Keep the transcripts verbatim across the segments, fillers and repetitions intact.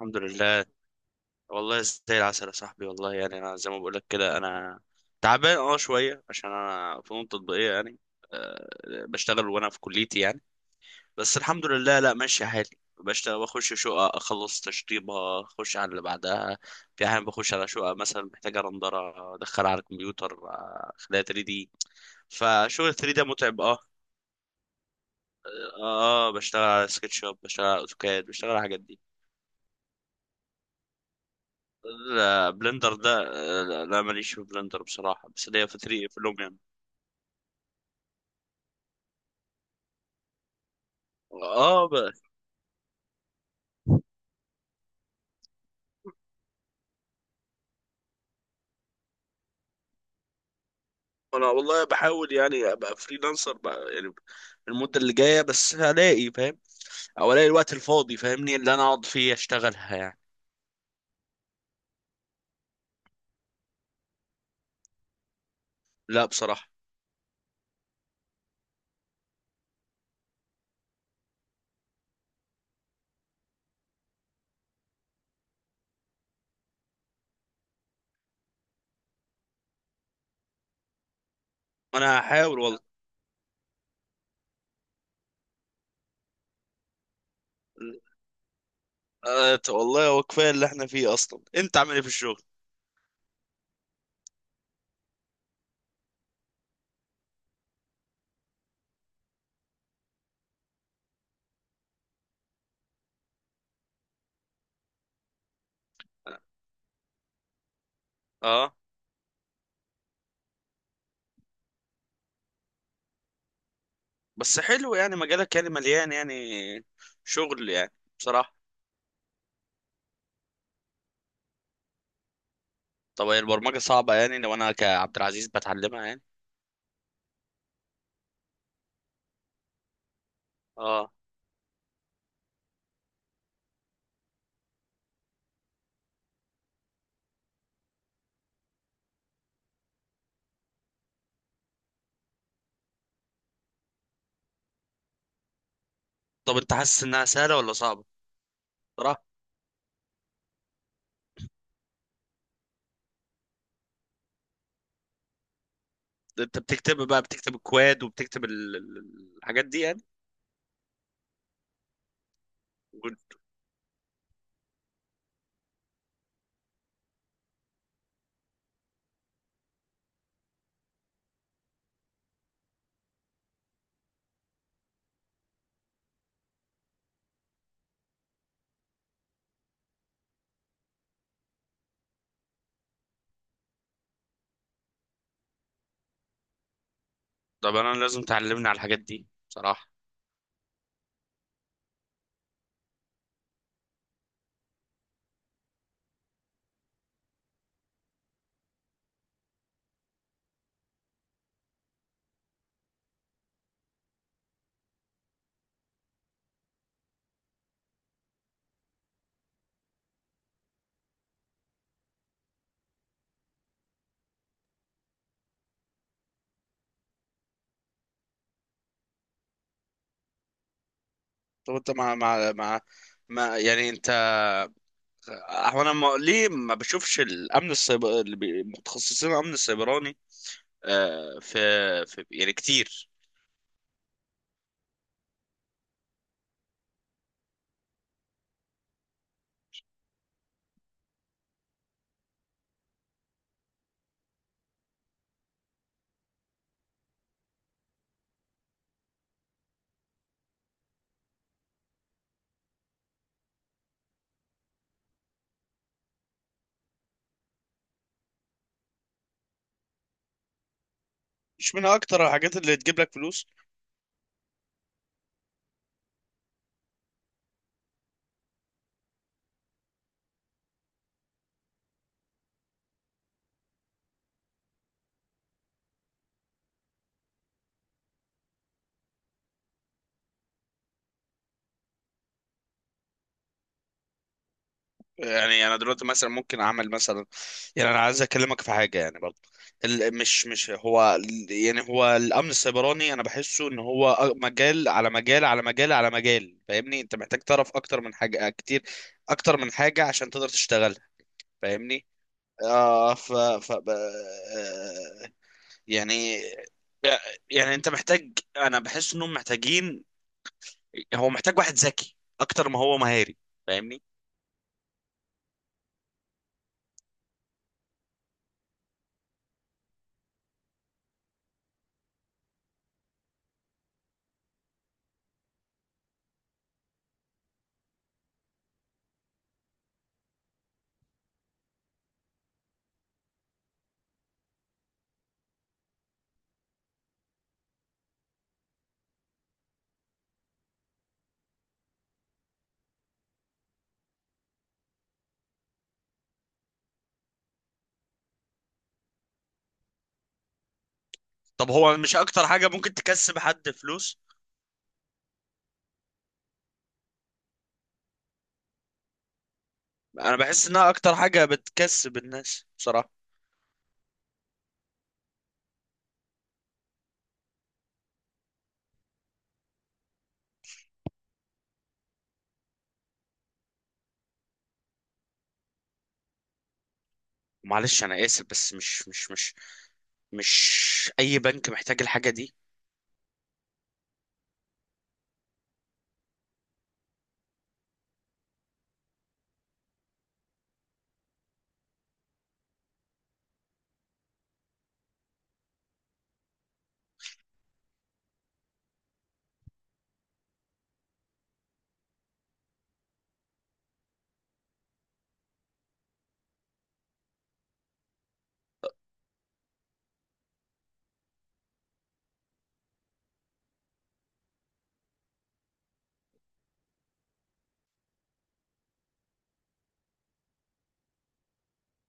الحمد لله. والله زي العسل يا صاحبي، والله يعني انا زي ما بقول لك كده انا تعبان اه شويه عشان انا فنون تطبيقيه يعني. أه. بشتغل وانا في كليتي يعني. بس الحمد لله، لا ماشي حالي. بشتغل، بخش شقه اخلص تشطيبها اخش على اللي بعدها. في احيان بخش على شقه مثلا محتاجه رندره، ادخلها على الكمبيوتر آه، اخليها ثري دي. فشغل تلاتة ده متعب اه اه آه، بشتغل على سكتش اب، بشتغل على اوتوكاد، بشتغل على الحاجات دي. لا بلندر ده. آه، لا ماليش في بلندر بصراحة، بس ليا في ثري في لوميان. اه ب- انا والله بحاول يعني ابقى فريلانسر بقى يعني المدة اللي جاية، بس هلاقي، فاهم، او الاقي الوقت الفاضي فاهمني اللي انا اقعد فيه اشتغلها يعني. لا بصراحة. انا هحاول والله. آه والله هو كفاية اللي احنا فيه اصلا. انت عامل ايه في الشغل؟ اه. بس حلو يعني، مجالك يعني مليان يعني شغل يعني، بصراحة. طب هي البرمجة صعبة يعني لو انا كعبد العزيز بتعلمها يعني؟ اه. طب انت حاسس انها سهله ولا صعبه صراحه؟ انت بتكتب بقى، بتكتب الكواد وبتكتب ال- ال- الحاجات دي يعني. قول- طب انا لازم تعلمني على الحاجات دي بصراحه. طب انت مع مع مع ما يعني انت، هو انا ما... ليه ما بشوفش الامن السيبر اللي بي- متخصصين الامن السيبراني؟ آه في... في يعني كتير. مش من اكتر الحاجات اللي تجيب لك فلوس؟ يعني انا دلوقتي مثلا ممكن اعمل مثلا، يعني انا عايز اكلمك في حاجه يعني برضه. ال- مش مش هو ال- يعني هو الامن السيبراني انا بحسه ان هو أ- مجال على مجال على مجال على مجال، فاهمني؟ انت محتاج تعرف اكتر من حاجه كتير، اكتر من حاجه عشان تقدر تشتغلها. فاهمني. آه ف ف ب- آه، يعني يعني انت محتاج. انا بحس انهم محتاجين. هو محتاج واحد ذكي اكتر ما هو مهاري. فاهمني. طب هو مش اكتر حاجة ممكن تكسب حد فلوس؟ انا بحس انها اكتر حاجه بتكسب الناس بصراحه. معلش انا اسف بس مش مش مش مش اي بنك محتاج الحاجه دي؟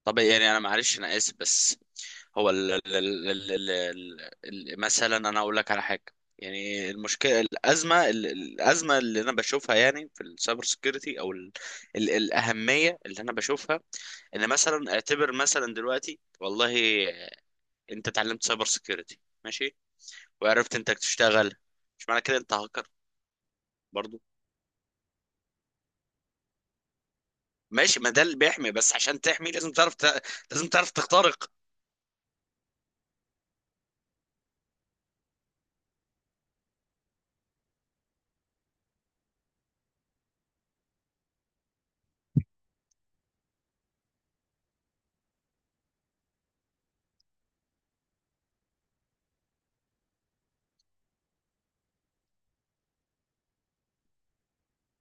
طب يعني انا، معلش انا اسف بس، هو ال ال ال ال ال ال ال مثلا انا اقول لك على حاجه. يعني المشكله الازمه ال- ال- الازمه اللي انا بشوفها يعني في السايبر سكيورتي او ال ال الاهميه اللي انا بشوفها ان مثلا اعتبر مثلا دلوقتي والله، انت اتعلمت سايبر سكيورتي، ماشي، وعرفت انك تشتغل، مش معنى كده انت برضو. ماشي، ما ده اللي بيحمي، بس عشان تحمي لازم تعرف ت... لازم تعرف تخترق.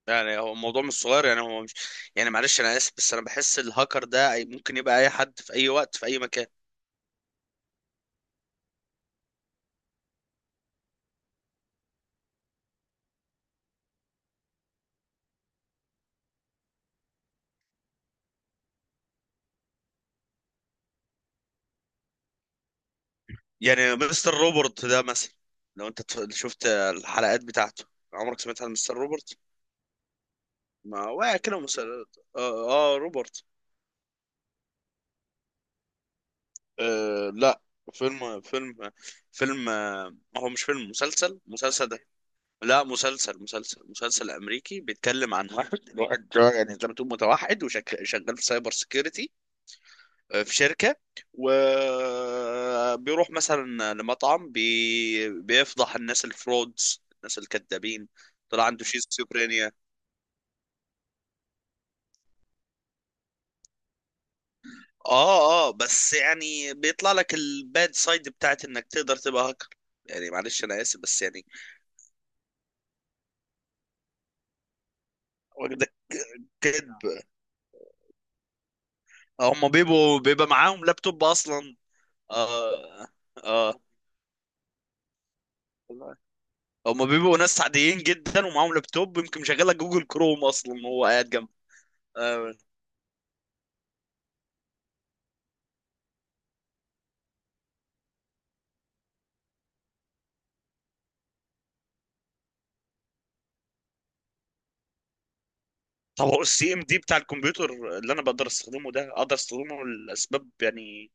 يعني هو الموضوع مش صغير يعني هو مش. يعني معلش انا اسف بس انا بحس الهاكر ده أي- ممكن يبقى اي حد في اي وقت في اي مكان. يعني مستر روبرت ده مثلا، لو انت تف- شفت الحلقات بتاعته. عمرك سمعت عن مستر روبرت؟ ما واقع كده، مستر اه, آه روبرت. آه لا، فيلم فيلم فيلم، آه، هو مش فيلم، مسلسل مسلسل. لا، مسلسل مسلسل مسلسل امريكي بيتكلم عن واحد واحد جو- يعني زي ما تقول متوحد وشغال في سايبر سيكيورتي. آه، في شركه. وبيروح مثلا لمطعم بي... بيفضح الناس الفرودز الناس الكذابين. طلع عنده شيزوفرينيا. اه اه بس يعني بيطلع لك الباد سايد بتاعت انك تقدر تبقى هاكر. يعني معلش انا اسف بس يعني. واخدك، كذب. هم بيبقوا بيبقى معاهم لابتوب اصلا. اه اه هما بيبقوا ناس عاديين جدا ومعاهم لابتوب يمكن مشغله جوجل كروم اصلا وهو قاعد جنبه. آه، طب هو السي ام دي بتاع الكمبيوتر اللي انا بقدر استخدمه ده اقدر استخدمه لاسباب يعني؟